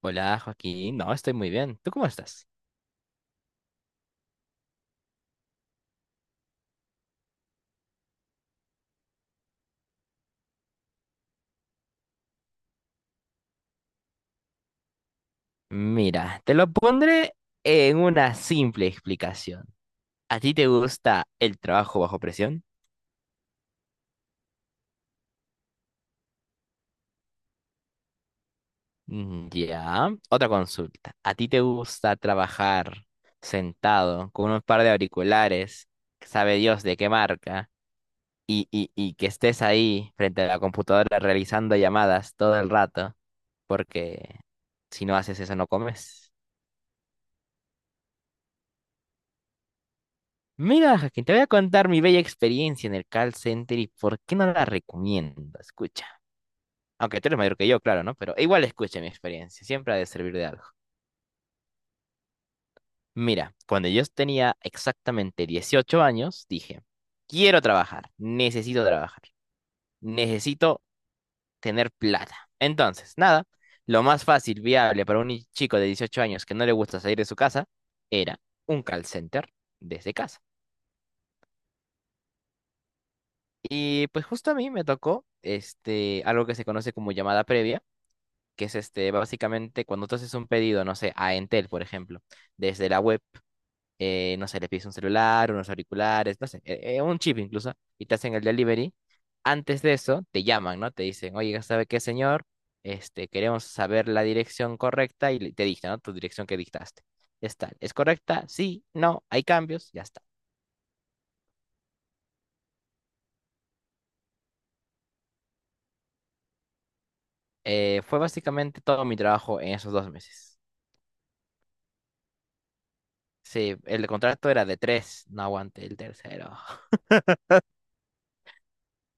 Hola, Joaquín. No, estoy muy bien. ¿Tú cómo estás? Mira, te lo pondré en una simple explicación. ¿A ti te gusta el trabajo bajo presión? Mm, ya. Otra consulta. ¿A ti te gusta trabajar sentado con un par de auriculares, sabe Dios de qué marca, y que estés ahí frente a la computadora realizando llamadas todo el rato? Porque si no haces eso, no comes. Mira, Jaquín, te voy a contar mi bella experiencia en el call center y por qué no la recomiendo. Escucha. Aunque tú eres mayor que yo, claro, ¿no? Pero igual escucha mi experiencia. Siempre ha de servir de algo. Mira, cuando yo tenía exactamente 18 años, dije, quiero trabajar, necesito tener plata. Entonces, nada, lo más fácil, viable para un chico de 18 años que no le gusta salir de su casa era un call center desde casa. Y pues justo a mí me tocó este, algo que se conoce como llamada previa, que es este, básicamente cuando tú haces un pedido, no sé, a Entel, por ejemplo, desde la web, no sé, le pides un celular, unos auriculares, no sé, un chip incluso, y te hacen el delivery. Antes de eso, te llaman, ¿no? Te dicen, oye, ¿sabe qué, señor? Este, queremos saber la dirección correcta y te dicta, ¿no? Tu dirección que dictaste. Es tal, ¿es correcta? Sí, no, hay cambios, ya está. Fue básicamente todo mi trabajo en esos 2 meses. Sí, el contrato era de tres, no aguanté el tercero.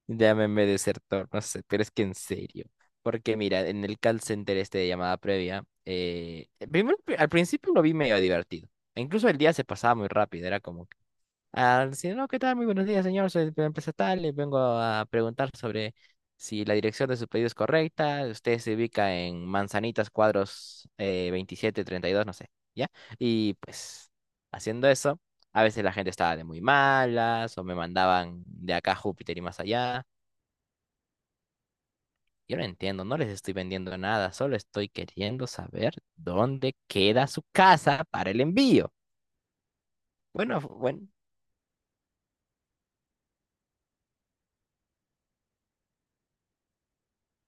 Llámeme desertor, no sé, pero es que en serio. Porque mira, en el call center este de llamada previa, al principio lo vi medio divertido, e incluso el día se pasaba muy rápido, era como al decir, no, ¿qué tal? Muy buenos días, señor. Soy de la empresa tal y vengo a preguntar sobre si la dirección de su pedido es correcta. Usted se ubica en Manzanitas Cuadros veintisiete treinta y dos no sé, ¿ya? Y pues, haciendo eso, a veces la gente estaba de muy malas o me mandaban de acá a Júpiter y más allá. Yo no entiendo, no les estoy vendiendo nada, solo estoy queriendo saber dónde queda su casa para el envío. Bueno, bueno,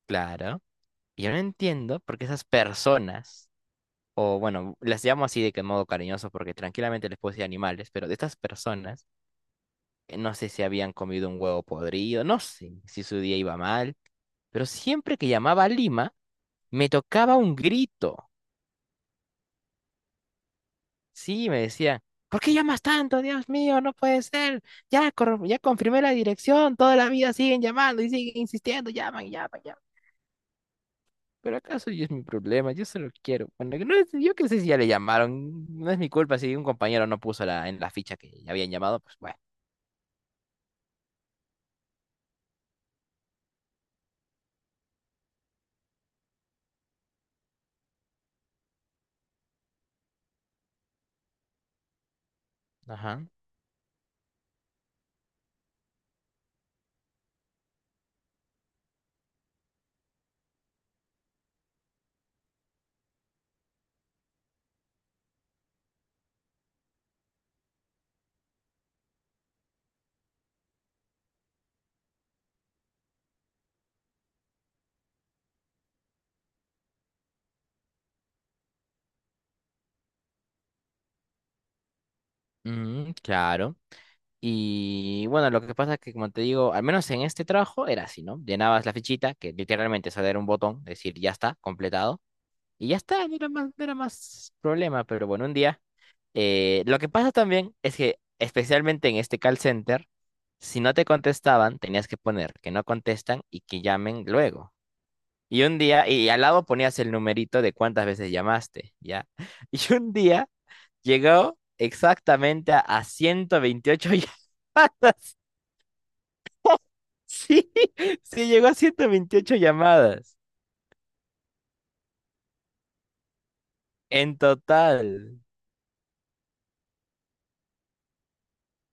claro. Y yo no entiendo por qué esas personas o bueno, las llamo así de que modo cariñoso porque tranquilamente les puedo decir animales, pero de estas personas, no sé si habían comido un huevo podrido, no sé si su día iba mal, pero siempre que llamaba a Lima, me tocaba un grito. Sí, me decía, ¿por qué llamas tanto? Dios mío, no puede ser. Ya, ya confirmé la dirección, toda la vida siguen llamando y siguen insistiendo, llaman, llaman, llaman. Pero acaso yo es mi problema, yo solo quiero. Bueno, que no es- yo qué sé si ya le llamaron, no es mi culpa si un compañero no puso en la ficha que ya habían llamado, pues bueno. Ajá. Mm, claro. Y bueno, lo que pasa es que, como te digo, al menos en este trabajo era así, ¿no? Llenabas la fichita, que literalmente solo era un botón, decir ya está, completado, y ya está, no era más problema, pero bueno, un día. Lo que pasa también es que, especialmente en este call center, si no te contestaban, tenías que poner que no contestan y que llamen luego. Y un día, y al lado ponías el numerito de cuántas veces llamaste, ¿ya? Y un día llegó exactamente a 128 llamadas. Sí, sí, llegó a 128 llamadas en total.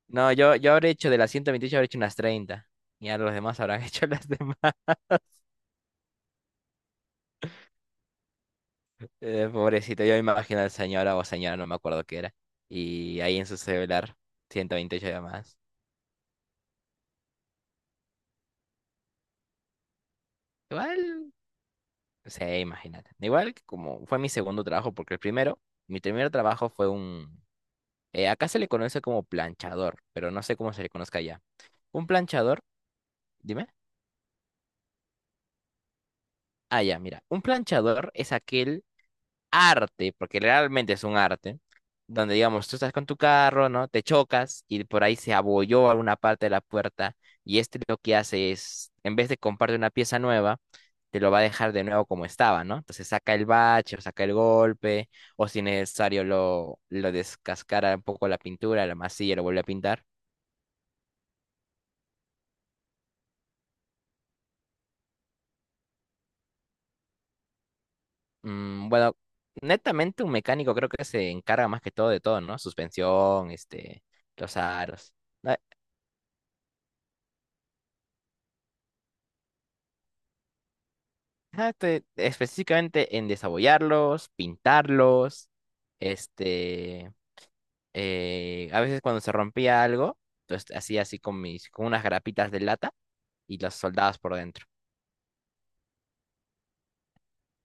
No, yo habré hecho de las 128 habré hecho unas 30. Y a los demás habrán hecho las demás. Pobrecito, yo me imagino al señor o señora, no me acuerdo qué era. Y ahí en su celular, 128 llamadas. Igual, sí, imagínate. Igual que como fue mi segundo trabajo, porque el primero, mi primer trabajo fue un... acá se le conoce como planchador, pero no sé cómo se le conozca allá. Un planchador, dime. Ah, ya, mira. Un planchador es aquel arte, porque realmente es un arte, donde digamos, tú estás con tu carro, ¿no? Te chocas y por ahí se abolló alguna parte de la puerta y este lo que hace es, en vez de comprarte una pieza nueva, te lo va a dejar de nuevo como estaba, ¿no? Entonces saca el bache, o saca el golpe, o si es necesario lo descascara un poco la pintura, la masilla, lo vuelve a pintar. Mm, bueno, netamente un mecánico creo que se encarga más que todo de todo, ¿no? Suspensión, este, los aros. Ajá, específicamente en desabollarlos, pintarlos, este, a veces cuando se rompía algo, entonces hacía así con unas grapitas de lata y las soldabas por dentro.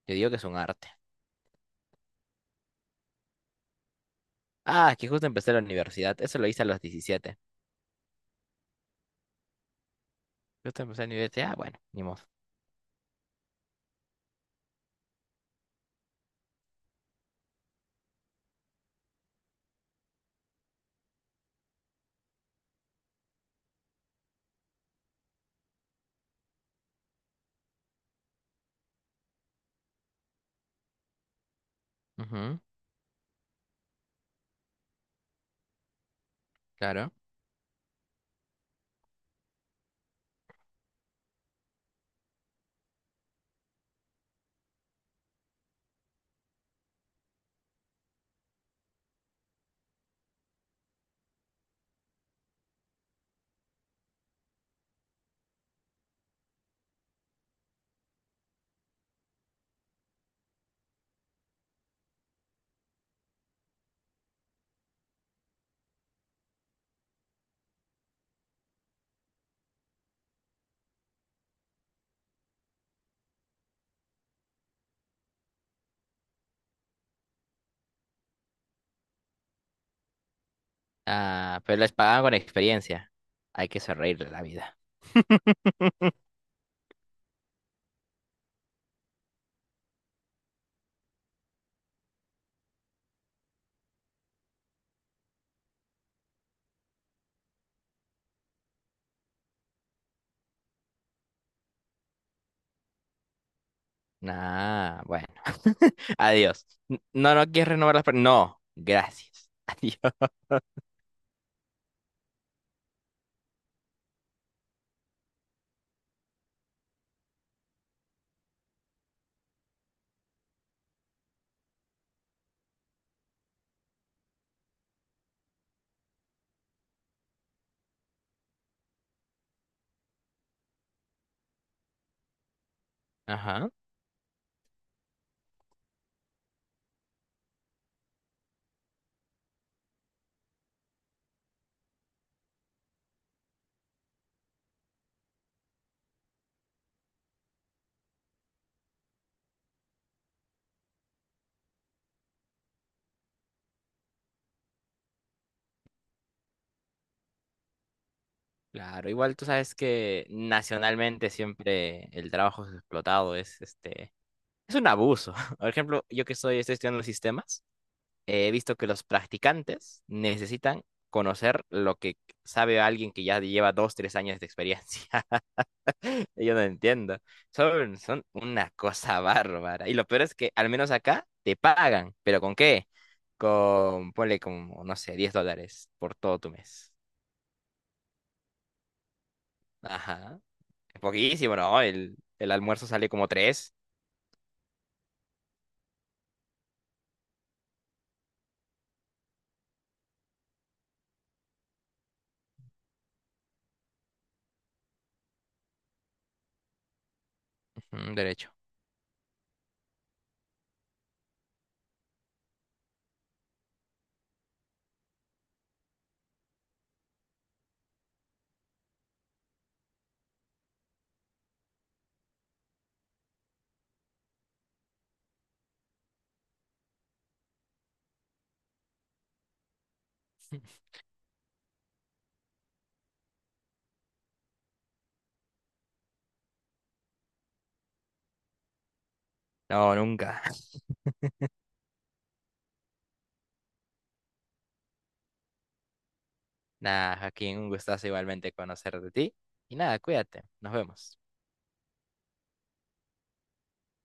Yo digo que es un arte. Ah, que justo empecé la universidad, eso lo hice a los 17. Justo empecé la universidad, ah, bueno, ni modo. Ujú, claro. Ah, pero les pagaban con experiencia. Hay que sonreír de la vida. Nah, bueno. Adiós. No, no quieres renovar las... No, gracias. Adiós. Ajá. Claro, igual tú sabes que nacionalmente siempre el trabajo es explotado, es este, es un abuso. Por ejemplo, yo que estoy estudiando sistemas, he visto que los practicantes necesitan conocer lo que sabe alguien que ya lleva dos, tres años de experiencia. Yo no entiendo. Son una cosa bárbara. Y lo peor es que al menos acá te pagan. ¿Pero con qué? Con, ponle como, no sé, $10 por todo tu mes. Ajá. Es poquísimo, ¿no? El almuerzo sale como 3. Derecho. No, nunca. Nada, Joaquín, un gustazo igualmente conocer de ti. Y nada, cuídate. Nos vemos.